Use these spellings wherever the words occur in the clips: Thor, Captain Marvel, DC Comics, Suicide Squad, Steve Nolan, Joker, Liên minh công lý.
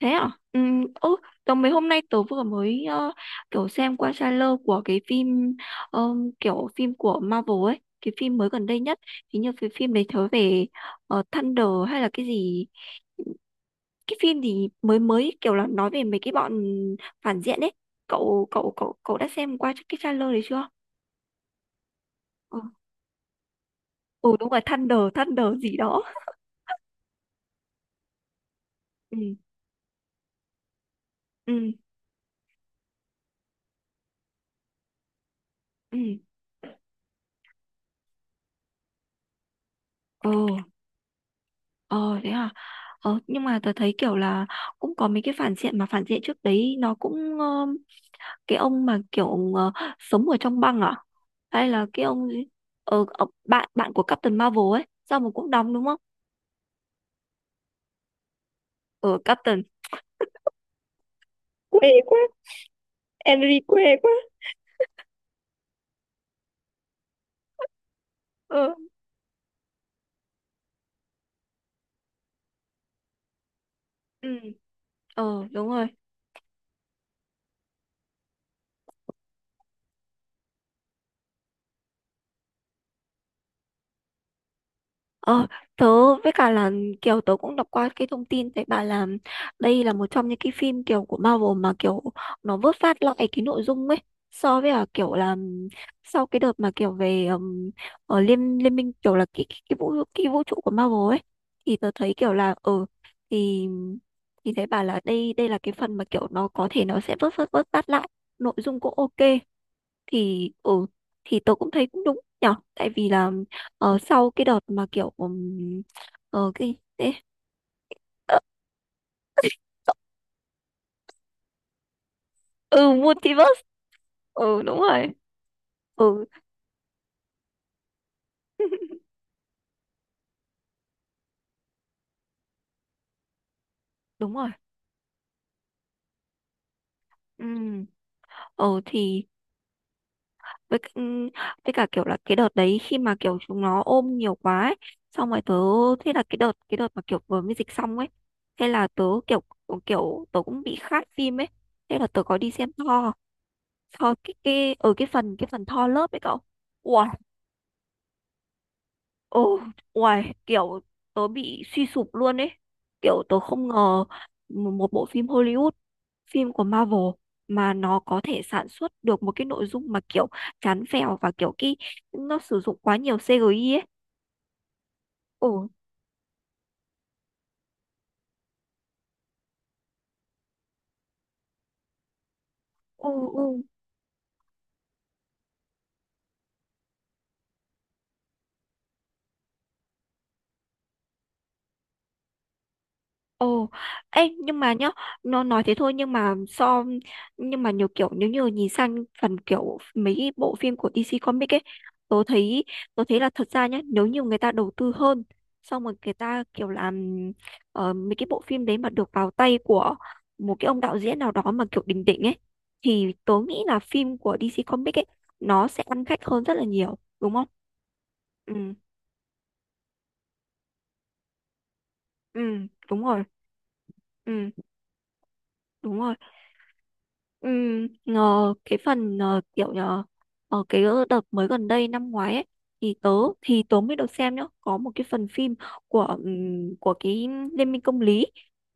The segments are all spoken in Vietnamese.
Thế à? Ừ, ô, tớ mấy hôm nay vừa mới kiểu xem qua trailer của cái phim ờ, kiểu phim của Marvel ấy, cái phim mới gần đây nhất. Hình như cái phim đấy thớ về Thunder hay là cái gì, cái phim gì mới mới kiểu là nói về mấy cái bọn phản diện ấy. Cậu cậu cậu cậu đã xem qua cái trailer đấy chưa? Ừ, ừ đúng rồi Thunder Thunder gì đó. Ừ ừ ừ. Ồ. Ờ thế à. Ờ nhưng mà tớ thấy kiểu là cũng có mấy cái phản diện mà phản diện trước đấy nó cũng cái ông mà kiểu sống ở trong băng à hay là cái ông gì bạn bạn của Captain Marvel ấy sao mà cũng đóng đúng không? Ờ Captain, quê quá. Henry quê quá. Ờ, ừ, ờ, đúng rồi. Ờ, tớ với cả là kiểu tớ cũng đọc qua cái thông tin thấy bà là đây là một trong những cái phim kiểu của Marvel mà kiểu nó vớt vát lại cái nội dung ấy, so với là kiểu là sau cái đợt mà kiểu về ở liên liên minh, kiểu là cái vũ trụ của Marvel ấy, thì tớ thấy kiểu là ừ, thì thì thấy bà là đây đây là cái phần mà kiểu nó có thể nó sẽ vớt vớt vớt vát lại nội dung cũng ok. Thì ừ, thì tôi cũng thấy cũng đúng nhở, tại vì là sau cái đợt mà kiểu cái thế ờ, ừ, multiverse. Ừ đúng rồi. Ừ. Đúng rồi. Ừ, ờ thì với với cả kiểu là cái đợt đấy khi mà kiểu chúng nó ôm nhiều quá ấy, xong rồi tớ, thế là cái đợt mà kiểu vừa mới dịch xong ấy, thế là tớ kiểu ừ, kiểu tớ cũng bị khát phim ấy, thế là tớ có đi xem Thor. Thor cái ở cái phần Thor lớp ấy cậu. Ui. Ồ, uầy, kiểu tớ bị suy sụp luôn ấy. Kiểu tớ không ngờ một bộ phim Hollywood, phim của Marvel, mà nó có thể sản xuất được một cái nội dung mà kiểu chán phèo và kiểu cái nó sử dụng quá nhiều CGI ấy. Ồ, ừ, ừ. Ồ, ê, nhưng mà nhá, nó nói thế thôi nhưng mà so, nhưng mà nhiều kiểu nếu như nhìn sang phần kiểu mấy cái bộ phim của DC Comics ấy, tôi thấy, tôi thấy là thật ra nhá, nếu như người ta đầu tư hơn, xong rồi người ta kiểu làm mấy cái bộ phim đấy mà được vào tay của một cái ông đạo diễn nào đó mà kiểu đỉnh đỉnh ấy, thì tôi nghĩ là phim của DC Comics ấy nó sẽ ăn khách hơn rất là nhiều, đúng không? Ừ, ừ, đúng rồi. Ừ, đúng rồi. Ừ, ngờ cái phần kiểu nhờ ở cái đợt mới gần đây năm ngoái ấy, thì tớ, thì tớ mới được xem nhá, có một cái phần phim của cái Liên minh công lý,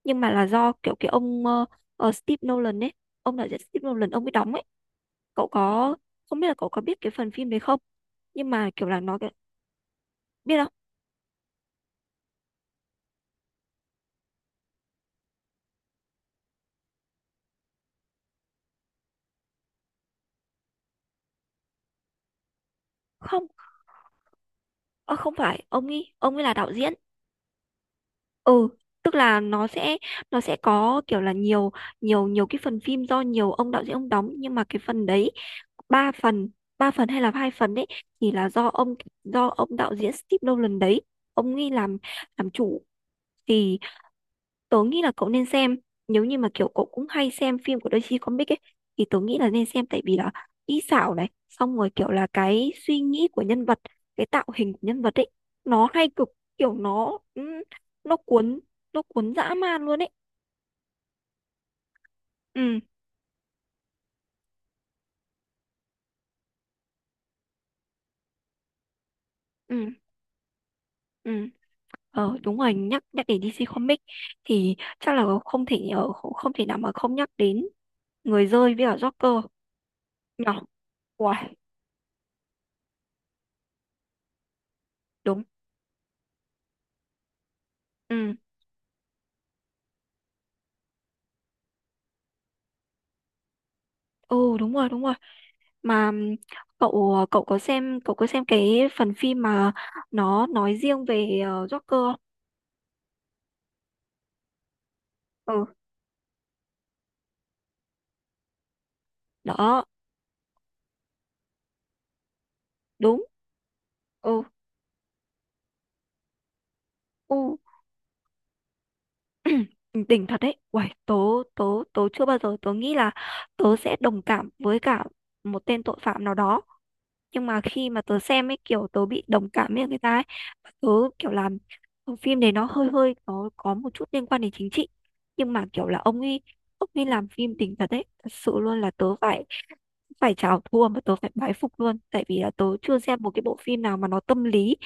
nhưng mà là do kiểu cái ông Steve Nolan ấy, ông đạo diễn Steve Nolan ông mới đóng ấy. Cậu có, không biết là cậu có biết cái phần phim đấy không, nhưng mà kiểu là nó cái-, biết không. Không, ờ, không phải ông ấy, ông ấy là đạo diễn. Ừ, tức là nó sẽ, nó sẽ có kiểu là nhiều, nhiều nhiều cái phần phim do nhiều ông đạo diễn ông đóng, nhưng mà cái phần đấy, ba phần, ba phần hay là hai phần đấy thì là do ông, do ông đạo diễn Steve Nolan đấy ông ấy làm chủ. Thì tớ nghĩ là cậu nên xem, nếu như mà kiểu cậu cũng hay xem phim của DC Comics ấy thì tớ nghĩ là nên xem, tại vì là kỹ xảo này, xong rồi kiểu là cái suy nghĩ của nhân vật, cái tạo hình của nhân vật ấy nó hay cực, kiểu nó cuốn, nó cuốn dã man luôn ấy. Ừ ừ ừ. Ờ đúng rồi, nhắc nhắc đến DC Comics thì chắc là không thể không, không thể nào mà không nhắc đến người rơi với cả Joker nhỏ. Uầy, đúng. Ừ ừ đúng rồi, đúng rồi mà cậu cậu có xem, cậu có xem cái phần phim mà nó nói riêng về Joker không? Ừ, đó, đúng. Ừ, ừ. Đỉnh thật đấy, uầy, tớ, tớ, tớ chưa bao giờ tớ nghĩ là tớ sẽ đồng cảm với cả một tên tội phạm nào đó, nhưng mà khi mà tớ xem ấy kiểu tớ bị đồng cảm với người ta ấy. Và tớ kiểu làm phim đấy, nó hơi hơi nó có một chút liên quan đến chính trị, nhưng mà kiểu là ông ấy, ông ấy làm phim đỉnh thật đấy, thật sự luôn là tớ phải, phải chào thua mà tớ phải bái phục luôn, tại vì là tớ chưa xem một cái bộ phim nào mà nó tâm lý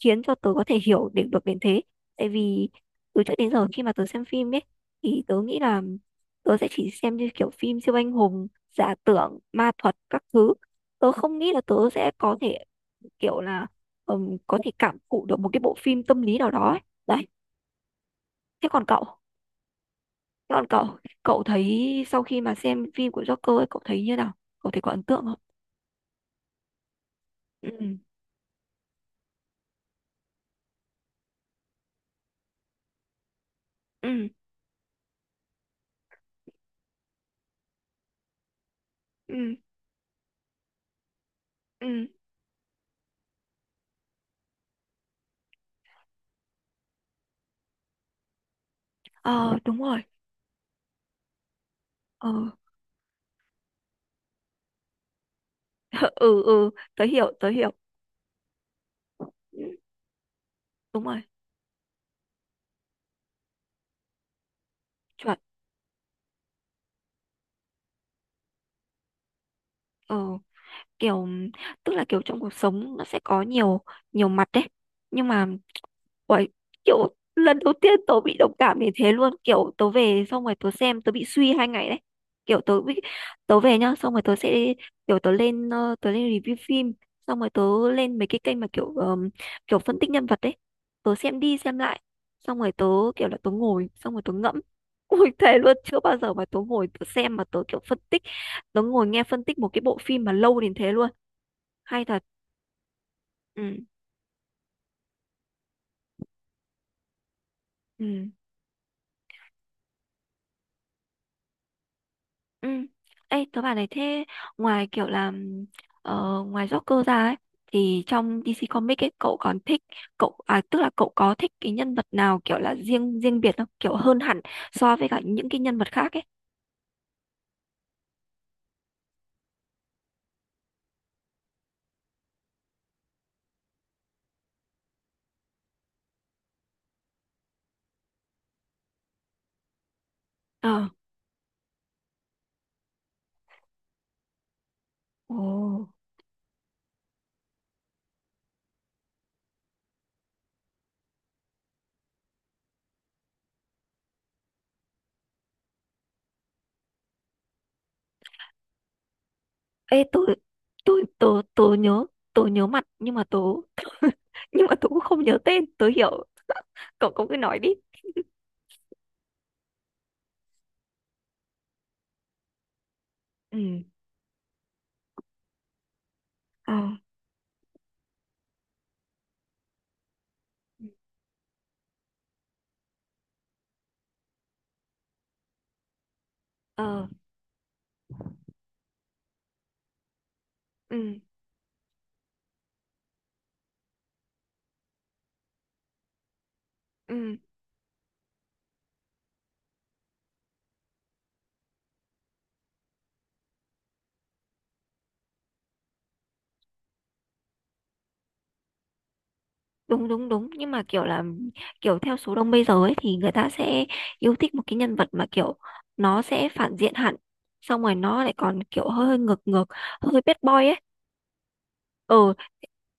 khiến cho tớ có thể hiểu được được đến thế. Tại vì từ trước đến giờ khi mà tớ xem phim ấy, thì tớ nghĩ là tớ sẽ chỉ xem như kiểu phim siêu anh hùng giả tưởng ma thuật các thứ, tớ không nghĩ là tớ sẽ có thể kiểu là có thể cảm thụ được một cái bộ phim tâm lý nào đó ấy. Đấy. Thế còn cậu, thế còn cậu, cậu thấy sau khi mà xem phim của Joker ấy, cậu thấy như nào, cậu thấy có ấn tượng không? Ừ ừ ừ ừ, ờ đúng rồi, ờ. Ừ, ừ, tớ hiểu, tớ hiểu. Ừ, đúng rồi chuẩn. Ờ kiểu, tức là kiểu trong cuộc sống nó sẽ có nhiều, nhiều mặt đấy, nhưng mà. Uầy, kiểu lần đầu tiên tớ bị đồng cảm như thế luôn, kiểu tớ về xong rồi tớ xem tớ bị suy 2 ngày đấy, kiểu tớ bị, tớ về nhá xong rồi tớ sẽ kiểu tớ lên tớ lên review phim, xong rồi tớ lên mấy cái kênh mà kiểu kiểu phân tích nhân vật đấy, tớ xem đi xem lại, xong rồi tớ kiểu là tớ ngồi, xong rồi tớ ngẫm. Ui thề luôn, chưa bao giờ mà tớ ngồi tớ xem mà tớ kiểu phân tích, tớ ngồi nghe phân tích một cái bộ phim mà lâu đến thế luôn. Hay thật. Ừ, ừ. Ừ. Ê, tớ bảo này, thế ngoài kiểu là ngoài Joker ra ấy, thì trong DC Comics ấy cậu còn thích, cậu à, tức là cậu có thích cái nhân vật nào kiểu là riêng riêng biệt không, kiểu hơn hẳn so với cả những cái nhân vật khác ấy. Ờ, ồ, ê, tôi, tôi nhớ, tôi nhớ mặt nhưng mà tôi nhưng mà tôi cũng không nhớ tên, tôi hiểu, cậu, cậu cứ nói đi. Ừ, ờ, ờ, ừ, ừ, đúng đúng đúng, nhưng mà kiểu là, kiểu theo số đông bây giờ ấy thì người ta sẽ yêu thích một cái nhân vật mà kiểu nó sẽ phản diện hẳn, xong rồi nó lại còn kiểu hơi hơi ngược ngược, hơi bad boy ấy. Ừ,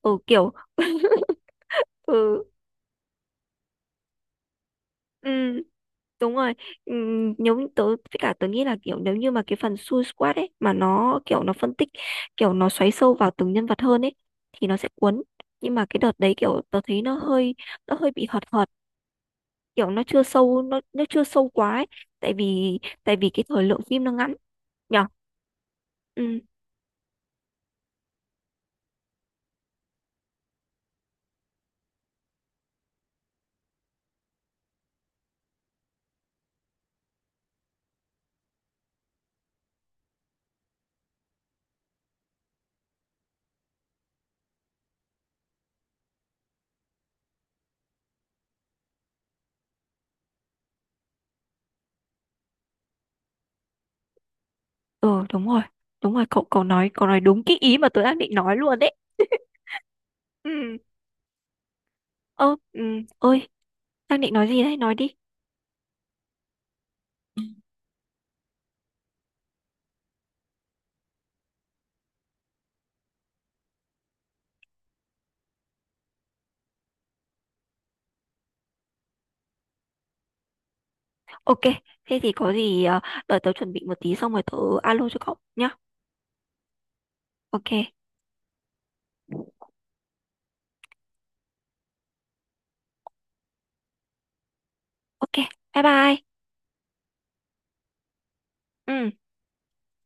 ừ, kiểu, ừ, ừ, đúng rồi. Ừ, nếu như tớ với cả tớ nghĩ là kiểu, nếu như mà cái phần Suicide Squad ấy mà nó kiểu nó phân tích, kiểu nó xoáy sâu vào từng nhân vật hơn ấy thì nó sẽ cuốn, nhưng mà cái đợt đấy kiểu tớ thấy nó hơi, nó hơi bị hợt hợt, kiểu nó chưa sâu, nó chưa sâu quá ấy. Tại vì, tại vì cái thời lượng phim nó ngắn nhở. Ừ, ừ, đúng rồi, đúng rồi, cậu, cậu nói, cậu nói đúng cái ý mà tớ đang định nói luôn đấy. Ừ, ơ, ừ, ơi, đang định nói gì đấy, nói đi. Ok, thế thì có gì đợi tớ chuẩn bị một tí xong rồi tớ alo cho cậu nhá. Ok. Ok, bye bye. Ừ